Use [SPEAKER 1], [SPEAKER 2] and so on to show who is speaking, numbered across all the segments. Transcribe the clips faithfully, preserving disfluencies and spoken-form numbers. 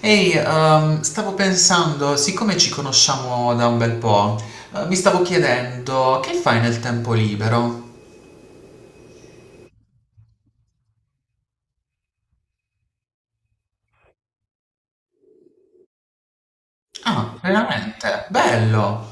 [SPEAKER 1] Ehi, ehm, stavo pensando, siccome ci conosciamo da un bel po', eh, mi stavo chiedendo che fai nel tempo libero? Ah, veramente? Bello!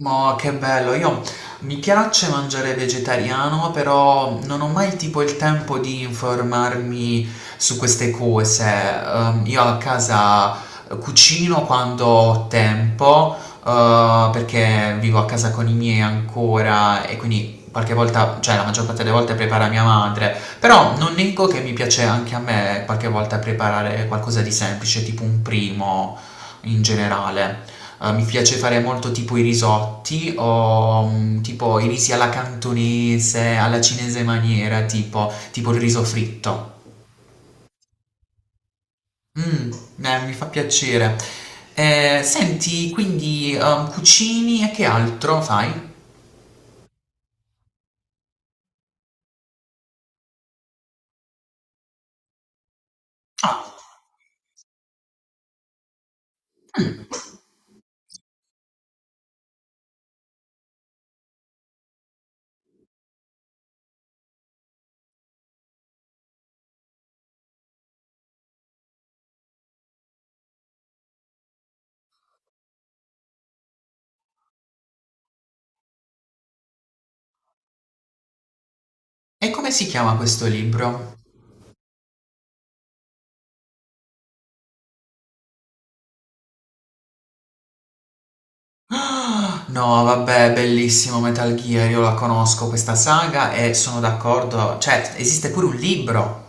[SPEAKER 1] Ma che bello, io mi piace mangiare vegetariano, però non ho mai tipo il tempo di informarmi su queste cose. Ehm, io a casa cucino quando ho tempo, eh, perché vivo a casa con i miei ancora e quindi qualche volta, cioè la maggior parte delle volte prepara mia madre, però non nego che mi piace anche a me qualche volta preparare qualcosa di semplice, tipo un primo in generale. Eh, mi piace fare molto tipo i risotti o mm, tipo i risi alla cantonese, alla cinese maniera, tipo, tipo il riso fritto. Mm, eh, mi fa piacere. Eh, senti, quindi ehm, cucini e che altro fai? Ah, mm. E come si chiama questo libro? Ah, No, vabbè, bellissimo Metal Gear, io la conosco questa saga e sono d'accordo, cioè esiste pure un libro.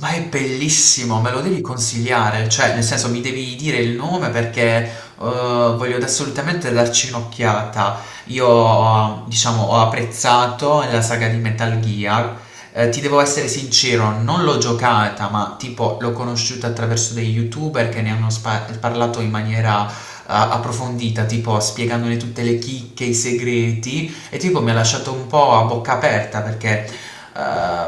[SPEAKER 1] Ma è bellissimo, me lo devi consigliare, cioè nel senso mi devi dire il nome perché eh, voglio assolutamente darci un'occhiata. Io, diciamo, ho apprezzato la saga di Metal Gear. Eh, ti devo essere sincero, non l'ho giocata, ma tipo l'ho conosciuta attraverso dei YouTuber che ne hanno spa- parlato in maniera eh, approfondita, tipo spiegandone tutte le chicche, i segreti. E tipo mi ha lasciato un po' a bocca aperta perché eh,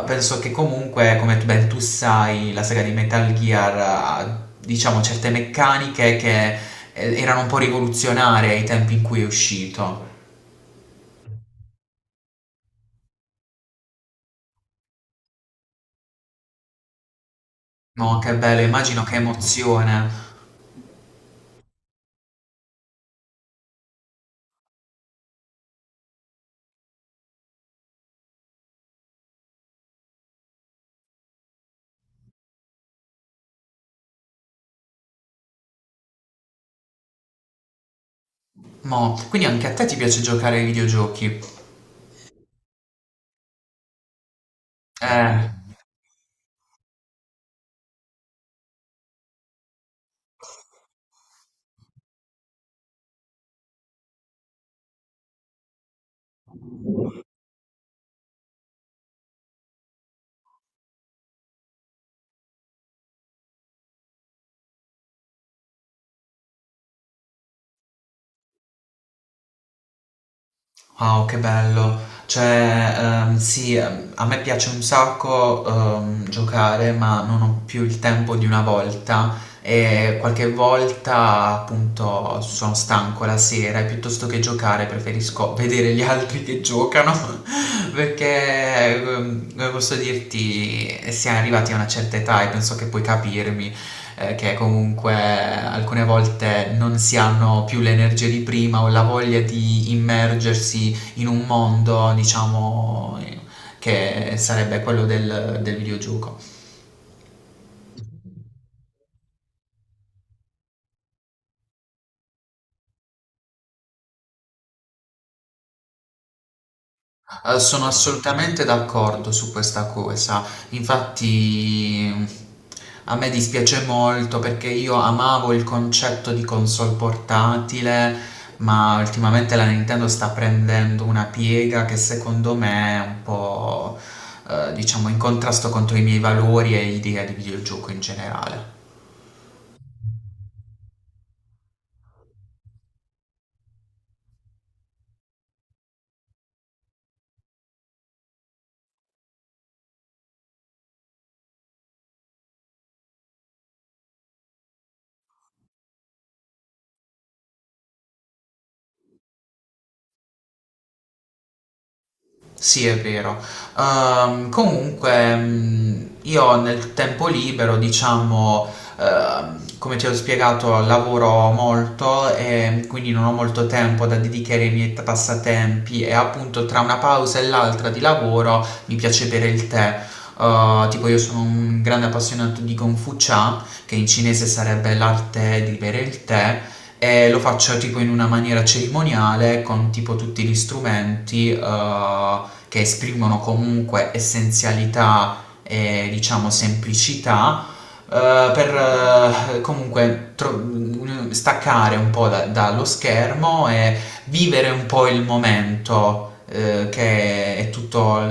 [SPEAKER 1] penso che comunque, come ben tu sai, la saga di Metal Gear ha diciamo certe meccaniche che eh, erano un po' rivoluzionarie ai tempi in cui è uscito. Mo, che bello, immagino che emozione. Mo, quindi anche a te ti piace giocare ai videogiochi? Eh. Wow, che bello. Cioè, ehm, sì, ehm, a me piace un sacco ehm, giocare, ma non ho più il tempo di una volta e qualche volta appunto sono stanco la sera e piuttosto che giocare preferisco vedere gli altri che giocano perché, ehm, come posso dirti, siamo arrivati a una certa età e penso che puoi capirmi eh, che comunque alcune volte non si hanno più l'energia di prima o la voglia di immergersi in un mondo, diciamo, eh, che sarebbe quello del, del videogioco. Eh, sono assolutamente d'accordo su questa cosa. Infatti a me dispiace molto perché io amavo il concetto di console portatile, ma ultimamente la Nintendo sta prendendo una piega che secondo me è un po', eh, diciamo, in contrasto contro i miei valori e idee di videogioco in generale. Sì, è vero. Ehm, comunque, mh, io nel tempo libero, diciamo, ehm, come ti ho spiegato, lavoro molto e quindi non ho molto tempo da dedicare ai miei t- passatempi e appunto tra una pausa e l'altra di lavoro mi piace bere il tè. Eh, tipo io sono un grande appassionato di Gongfu Cha, che in cinese sarebbe l'arte di bere il tè. E lo faccio tipo in una maniera cerimoniale con tipo tutti gli strumenti, eh, che esprimono comunque essenzialità e diciamo semplicità, eh, per eh, comunque tro- mm, staccare un po' da- dallo schermo e vivere un po' il momento eh, che è tutta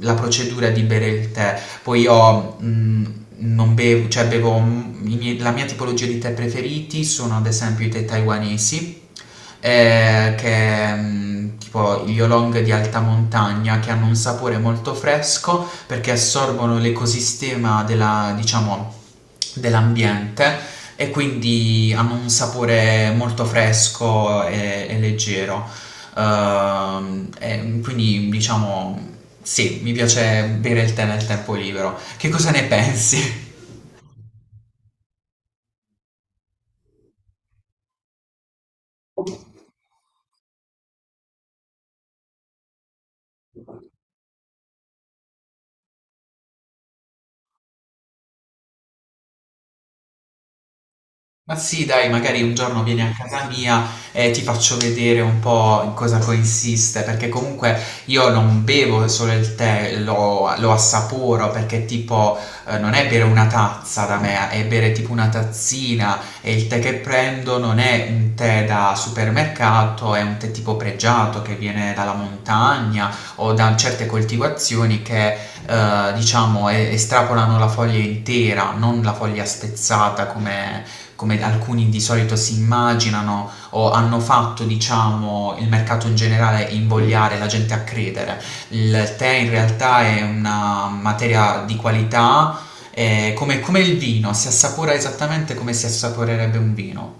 [SPEAKER 1] la procedura di bere il tè. Poi io mh, non bevo, cioè bevo mm, i miei- la mia tipologia di tè preferiti sono ad esempio i tè taiwanesi eh, che mm, tipo gli oolong di alta montagna che hanno un sapore molto fresco perché assorbono l'ecosistema della, diciamo, dell'ambiente e quindi hanno un sapore molto fresco e, e leggero. Ehm, e quindi diciamo sì, mi piace bere il tè nel tempo libero. Che cosa ne pensi? Ma sì, dai, magari un giorno vieni a casa mia e ti faccio vedere un po' in cosa consiste, perché comunque io non bevo solo il tè, lo, lo assaporo, perché tipo eh, non è bere una tazza da me, è bere tipo una tazzina e il tè che prendo non è un tè da supermercato, è un tè tipo pregiato che viene dalla montagna o da certe coltivazioni che eh, diciamo, e- estrapolano la foglia intera, non la foglia spezzata come, come alcuni di solito si immaginano o hanno fatto, diciamo, il mercato in generale invogliare la gente a credere. Il tè in realtà è una materia di qualità, è come, come il vino, si assapora esattamente come si assaporerebbe un vino.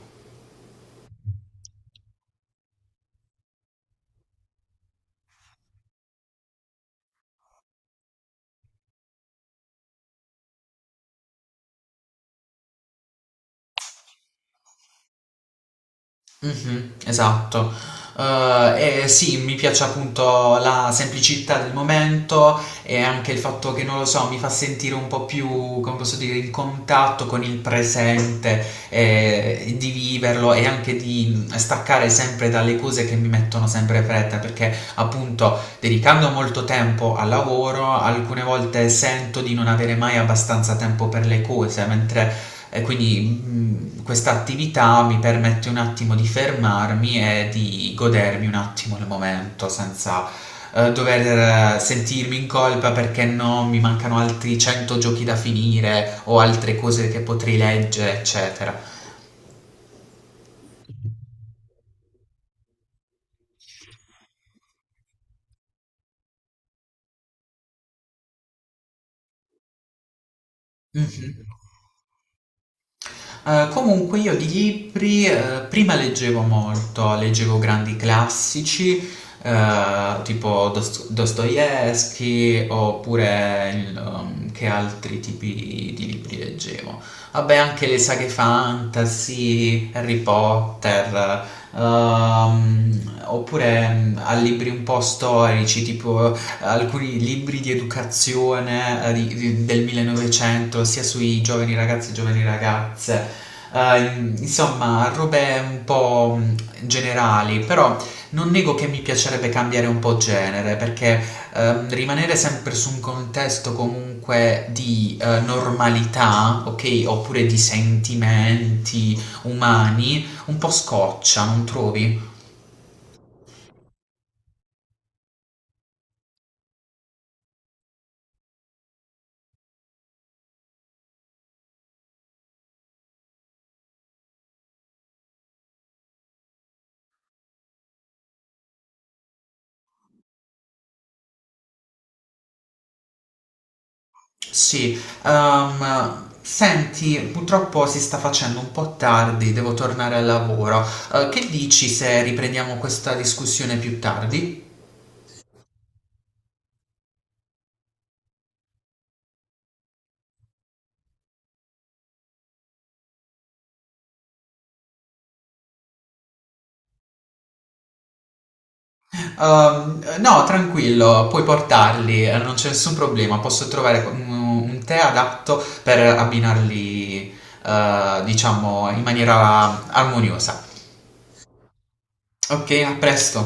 [SPEAKER 1] Mh-mh, esatto. Uhm, e sì, mi piace appunto la semplicità del momento e anche il fatto che, non lo so, mi fa sentire un po' più, come posso dire, in contatto con il presente, ehm, di viverlo e anche di, mhmm, staccare sempre dalle cose che mi mettono sempre fretta, perché appunto dedicando molto tempo al lavoro, alcune volte sento di non avere mai abbastanza tempo per le cose, mentre e quindi mh, questa attività mi permette un attimo di fermarmi e di godermi un attimo il momento senza eh, dover eh, sentirmi in colpa perché no, mi mancano altri cento giochi da finire o altre cose che potrei leggere, eccetera. Mhm. Eh, comunque io di libri eh, prima leggevo molto, leggevo grandi classici eh, tipo Dost- Dostoevsky oppure il, um, che altri tipi di libri leggevo. Vabbè, anche le saghe fantasy, Harry Potter, ehm, oppure mm, a libri un po' storici tipo alcuni libri di educazione eh, di- di- del millenovecento, sia sui giovani ragazzi e giovani ragazze. Eh, insomma, robe un po' mh, generali, però non nego che mi piacerebbe cambiare un po' genere, perché ehm, rimanere sempre su un contesto comunque di eh, normalità, ok, oppure di sentimenti umani, un po' scoccia, non trovi? Sì, ehm, senti, purtroppo si sta facendo un po' tardi, devo tornare al lavoro. Eh, che dici se riprendiamo questa discussione più tardi? Ehm, no, tranquillo, puoi portarli, eh, non c'è nessun problema, posso trovare un, un tè adatto per abbinarli, eh, diciamo, in maniera armoniosa. Ok, a presto.